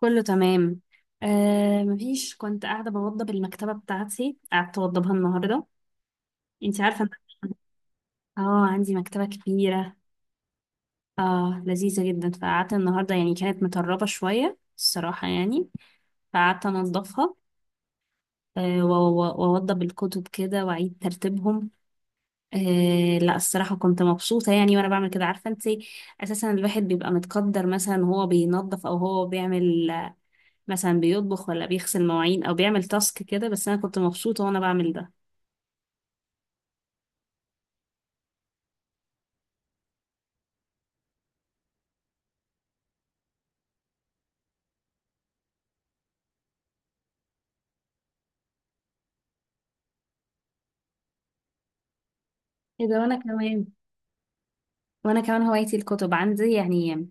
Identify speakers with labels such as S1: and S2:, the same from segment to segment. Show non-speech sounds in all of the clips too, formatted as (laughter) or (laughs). S1: كله تمام. مفيش كنت قاعدة بوضب المكتبة بتاعتي، قعدت أوضبها النهاردة. انتي عارفة ان اه، عندي مكتبة كبيرة، اه لذيذة جدا. فقعدت النهاردة، يعني كانت مطربة شوية الصراحة يعني. فقعدت أنضفها، وأوضب الكتب كده وأعيد ترتيبهم. لا الصراحة كنت مبسوطة يعني وأنا بعمل كده، عارفة انتي؟ أساسا الواحد بيبقى متقدر مثلا وهو بينظف أو هو بيعمل، مثلا بيطبخ ولا بيغسل مواعين او بيعمل تاسك كده، بس انا كنت مبسوطه وانا بعمل ده. ايه ده؟ وانا كمان هوايتي الكتب عندي يعني.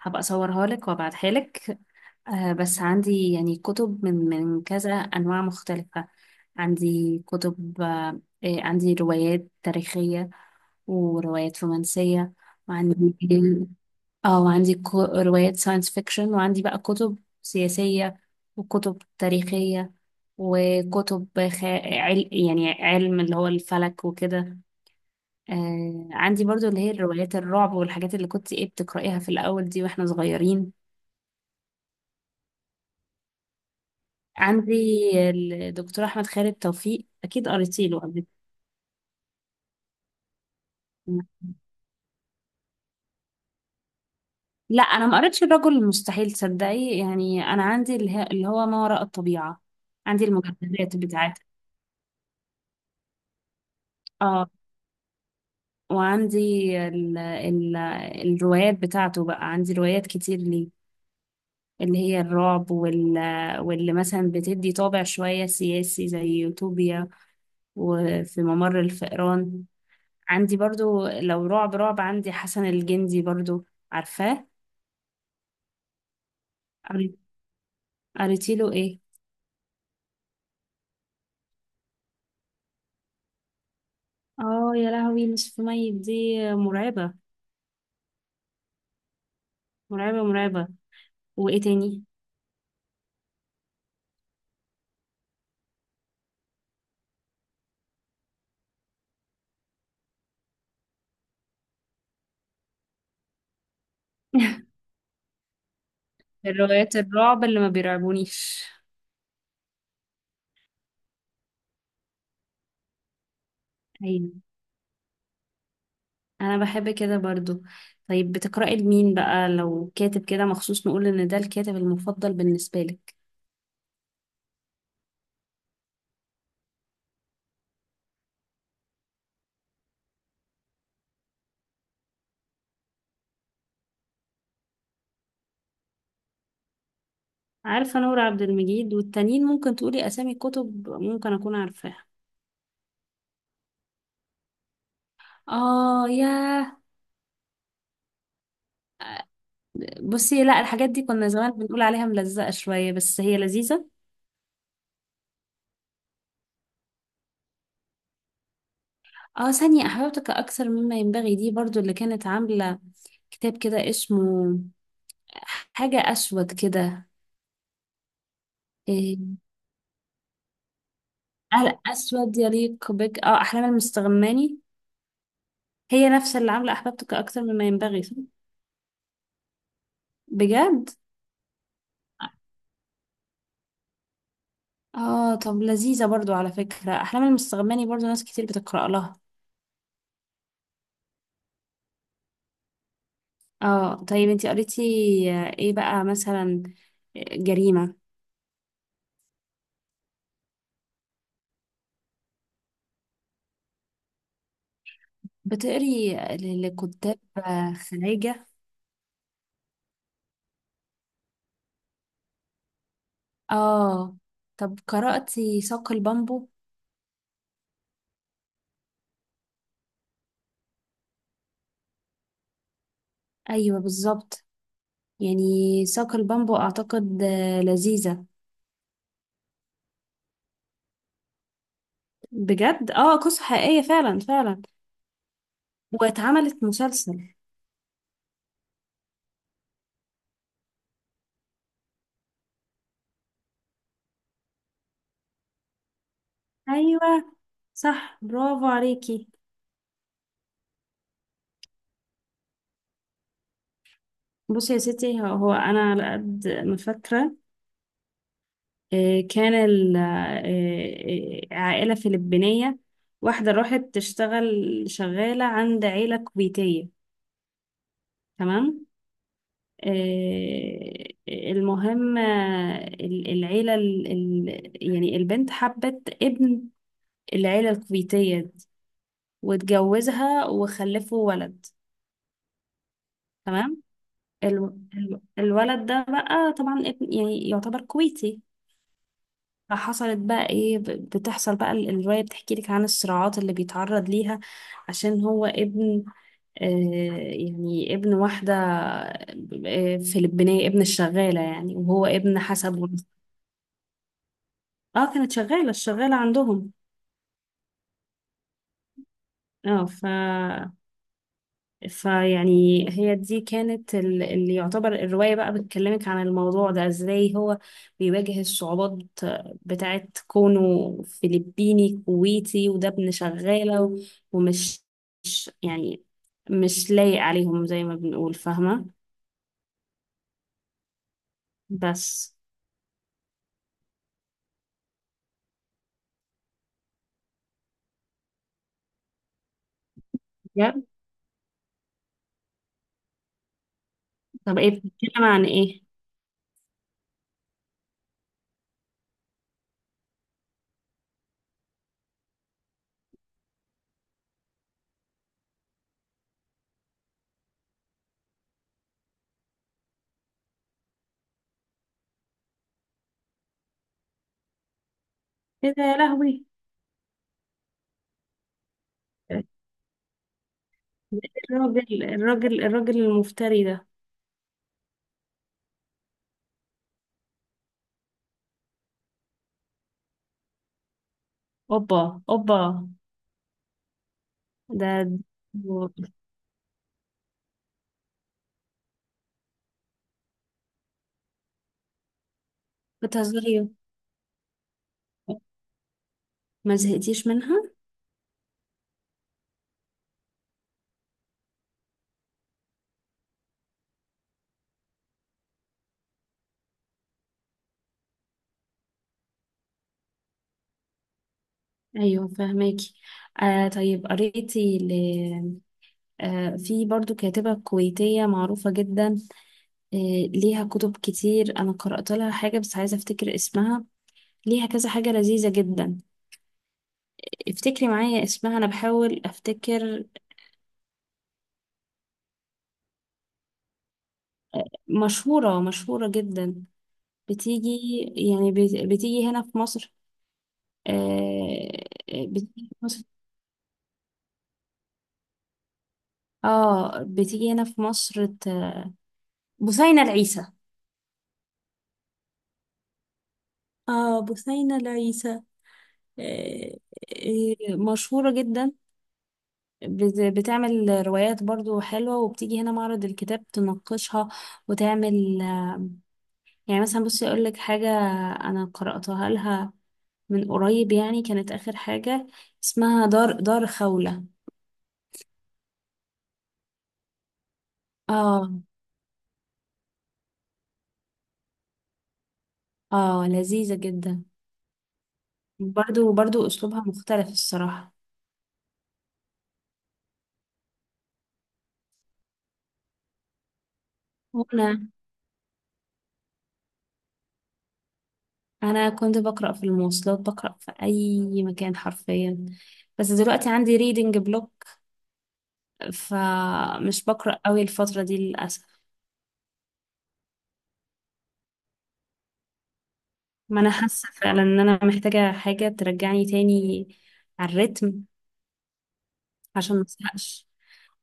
S1: هبقى اصورها لك وابعتها لك. بس عندي يعني كتب من كذا انواع مختلفه. عندي كتب عندي روايات تاريخيه وروايات رومانسيه. وعندي، اه وعندي روايات ساينس فيكشن، وعندي بقى كتب سياسية وكتب تاريخية، وكتب يعني علم اللي هو الفلك وكده. عندي برضو اللي هي الروايات الرعب والحاجات اللي كنت ايه بتقرأيها في الأول دي واحنا صغيرين. عندي الدكتور أحمد خالد توفيق، أكيد قريتي له قبل كده. لا أنا ما قريتش الرجل المستحيل تصدقي، يعني أنا عندي اللي هو ما وراء الطبيعة، عندي المجلدات بتاعتها. اه، وعندي ال ال الروايات بتاعته بقى. عندي روايات كتير ليه اللي هي الرعب واللي مثلا بتدي طابع شوية سياسي زي يوتوبيا وفي ممر الفئران. عندي برضو لو رعب رعب عندي حسن الجندي برضو، عارفاه؟ قري- قريتي له ايه؟ اه يا لهوي، نصف ميت دي مرعبة. مرعبة مرعبة. وايه تاني؟ (laughs) الروايات الرعب اللي ما بيرعبونيش؟ ايوه، انا بحب كده برضو. طيب بتقرأي لمين بقى لو كاتب كده مخصوص، نقول ان ده الكاتب المفضل بالنسبة لك؟ عارفة نور عبد المجيد والتانيين ممكن تقولي اسامي كتب ممكن اكون عارفاها. اه ياه. بصي، لا الحاجات دي كنا زمان بنقول عليها ملزقة شوية، بس هي لذيذة. اه، ثانية احببتك اكثر مما ينبغي دي برضو اللي كانت عاملة كتاب كده اسمه حاجة اسود كده. إيه، قلق اسود يليق بك، احلام المستغماني. هي نفسها اللي عاملة أحبابتك أكتر مما ينبغي، صح؟ بجد؟ اه، طب لذيذة برضو على فكرة، أحلام المستغماني برضو ناس كتير بتقرأ لها. اه، طيب انتي قريتي ايه بقى مثلا؟ آه، جريمة؟ بتقري لكتاب خلايجة؟ اه، طب قرأتي ساق البامبو؟ ايوه بالظبط. يعني ساق البامبو اعتقد لذيذة. بجد، اه قصة حقيقية فعلا فعلا. واتعملت مسلسل. ايوه، صح، برافو عليكي. بصي يا ستي، هو انا على قد ما فاكره. إيه، كان ال- إيه، إيه، عائله فلبينيه، واحده راحت تشتغل شغاله عند عيله كويتيه، تمام؟ إيه، المهم العيله، يعني البنت حبت ابن العيله الكويتيه دي واتجوزها وخلفوا ولد، تمام. الولد ده بقى طبعا يعني يعتبر كويتي. فحصلت بقى ايه، بتحصل بقى الرواية بتحكي لك عن الصراعات اللي بيتعرض ليها عشان هو ابن، آه، يعني ابن واحدة آه، فلبينية، ابن الشغالة يعني، وهو ابن حسب ورثة. اه كانت شغالة الشغالة عندهم. اه. فيعني هي دي كانت اللي يعتبر الرواية بقى بتكلمك عن الموضوع ده ازاي هو بيواجه الصعوبات بتاعت كونه فلبيني كويتي، وده ابن شغالة ومش مش يعني مش لايق عليهم زي ما بنقول، فاهمة؟ بس. بجد؟ طب ايه بتتكلم عن ايه؟ ايه ده يا لهوي! الراجل المفتري ده! اوبا اوبا. ده. بتهزري؟ ما زهقتيش منها؟ ايوه، فهماكي. آه، طيب قريتي ل... آه في برضو كاتبة كويتية معروفة جدا، آه، ليها كتب كتير. انا قرأت لها حاجة بس عايزة افتكر اسمها، ليها كذا حاجة لذيذة جدا. افتكري معايا اسمها، انا بحاول افتكر. مشهورة مشهورة جدا. بتيجي، يعني بتيجي هنا في مصر. آه. بتيجي في مصر. اه بتيجي هنا في مصر بثينة العيسى. اه، بثينة العيسى، آه، مشهورة جدا. بتعمل روايات برضو حلوة، وبتيجي هنا معرض الكتاب تناقشها وتعمل، يعني مثلا بصي أقول لك حاجة. أنا قرأتها لها من قريب يعني، كانت آخر حاجة. اسمها دار خولة. اه. اه لذيذة جدا. برضو برضو أسلوبها مختلف الصراحة. وأنا أنا كنت بقرأ في المواصلات، بقرأ في أي مكان حرفيا. بس دلوقتي عندي ريدنج بلوك، فمش بقرأ قوي الفترة دي للأسف. ما أنا حاسة فعلا إن أنا محتاجة حاجة ترجعني تاني على الريتم، عشان ما أزهقش،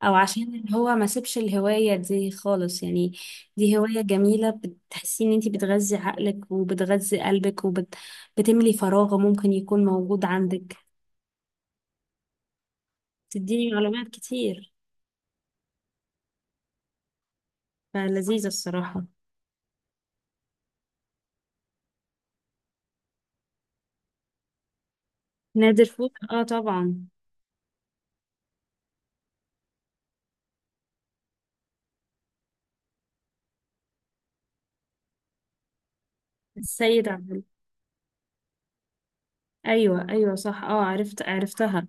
S1: أو عشان اللي هو ما سيبش الهواية دي خالص يعني. دي هواية جميلة، بتحسي إن أنتي بتغذي عقلك وبتغذي قلبك وبتملي فراغ ممكن يكون موجود عندك. تديني معلومات كتير، فلذيذة الصراحة. نادر فوق، اه طبعا. السيد عبد. أيوة أيوة صح، اه، عرفتها.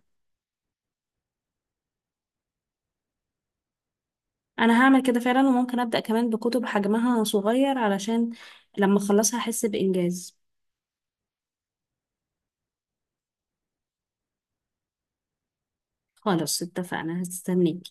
S1: انا هعمل كده فعلا، وممكن ابدا كمان بكتب حجمها صغير علشان لما اخلصها احس بانجاز. خلاص اتفقنا، هستنيك.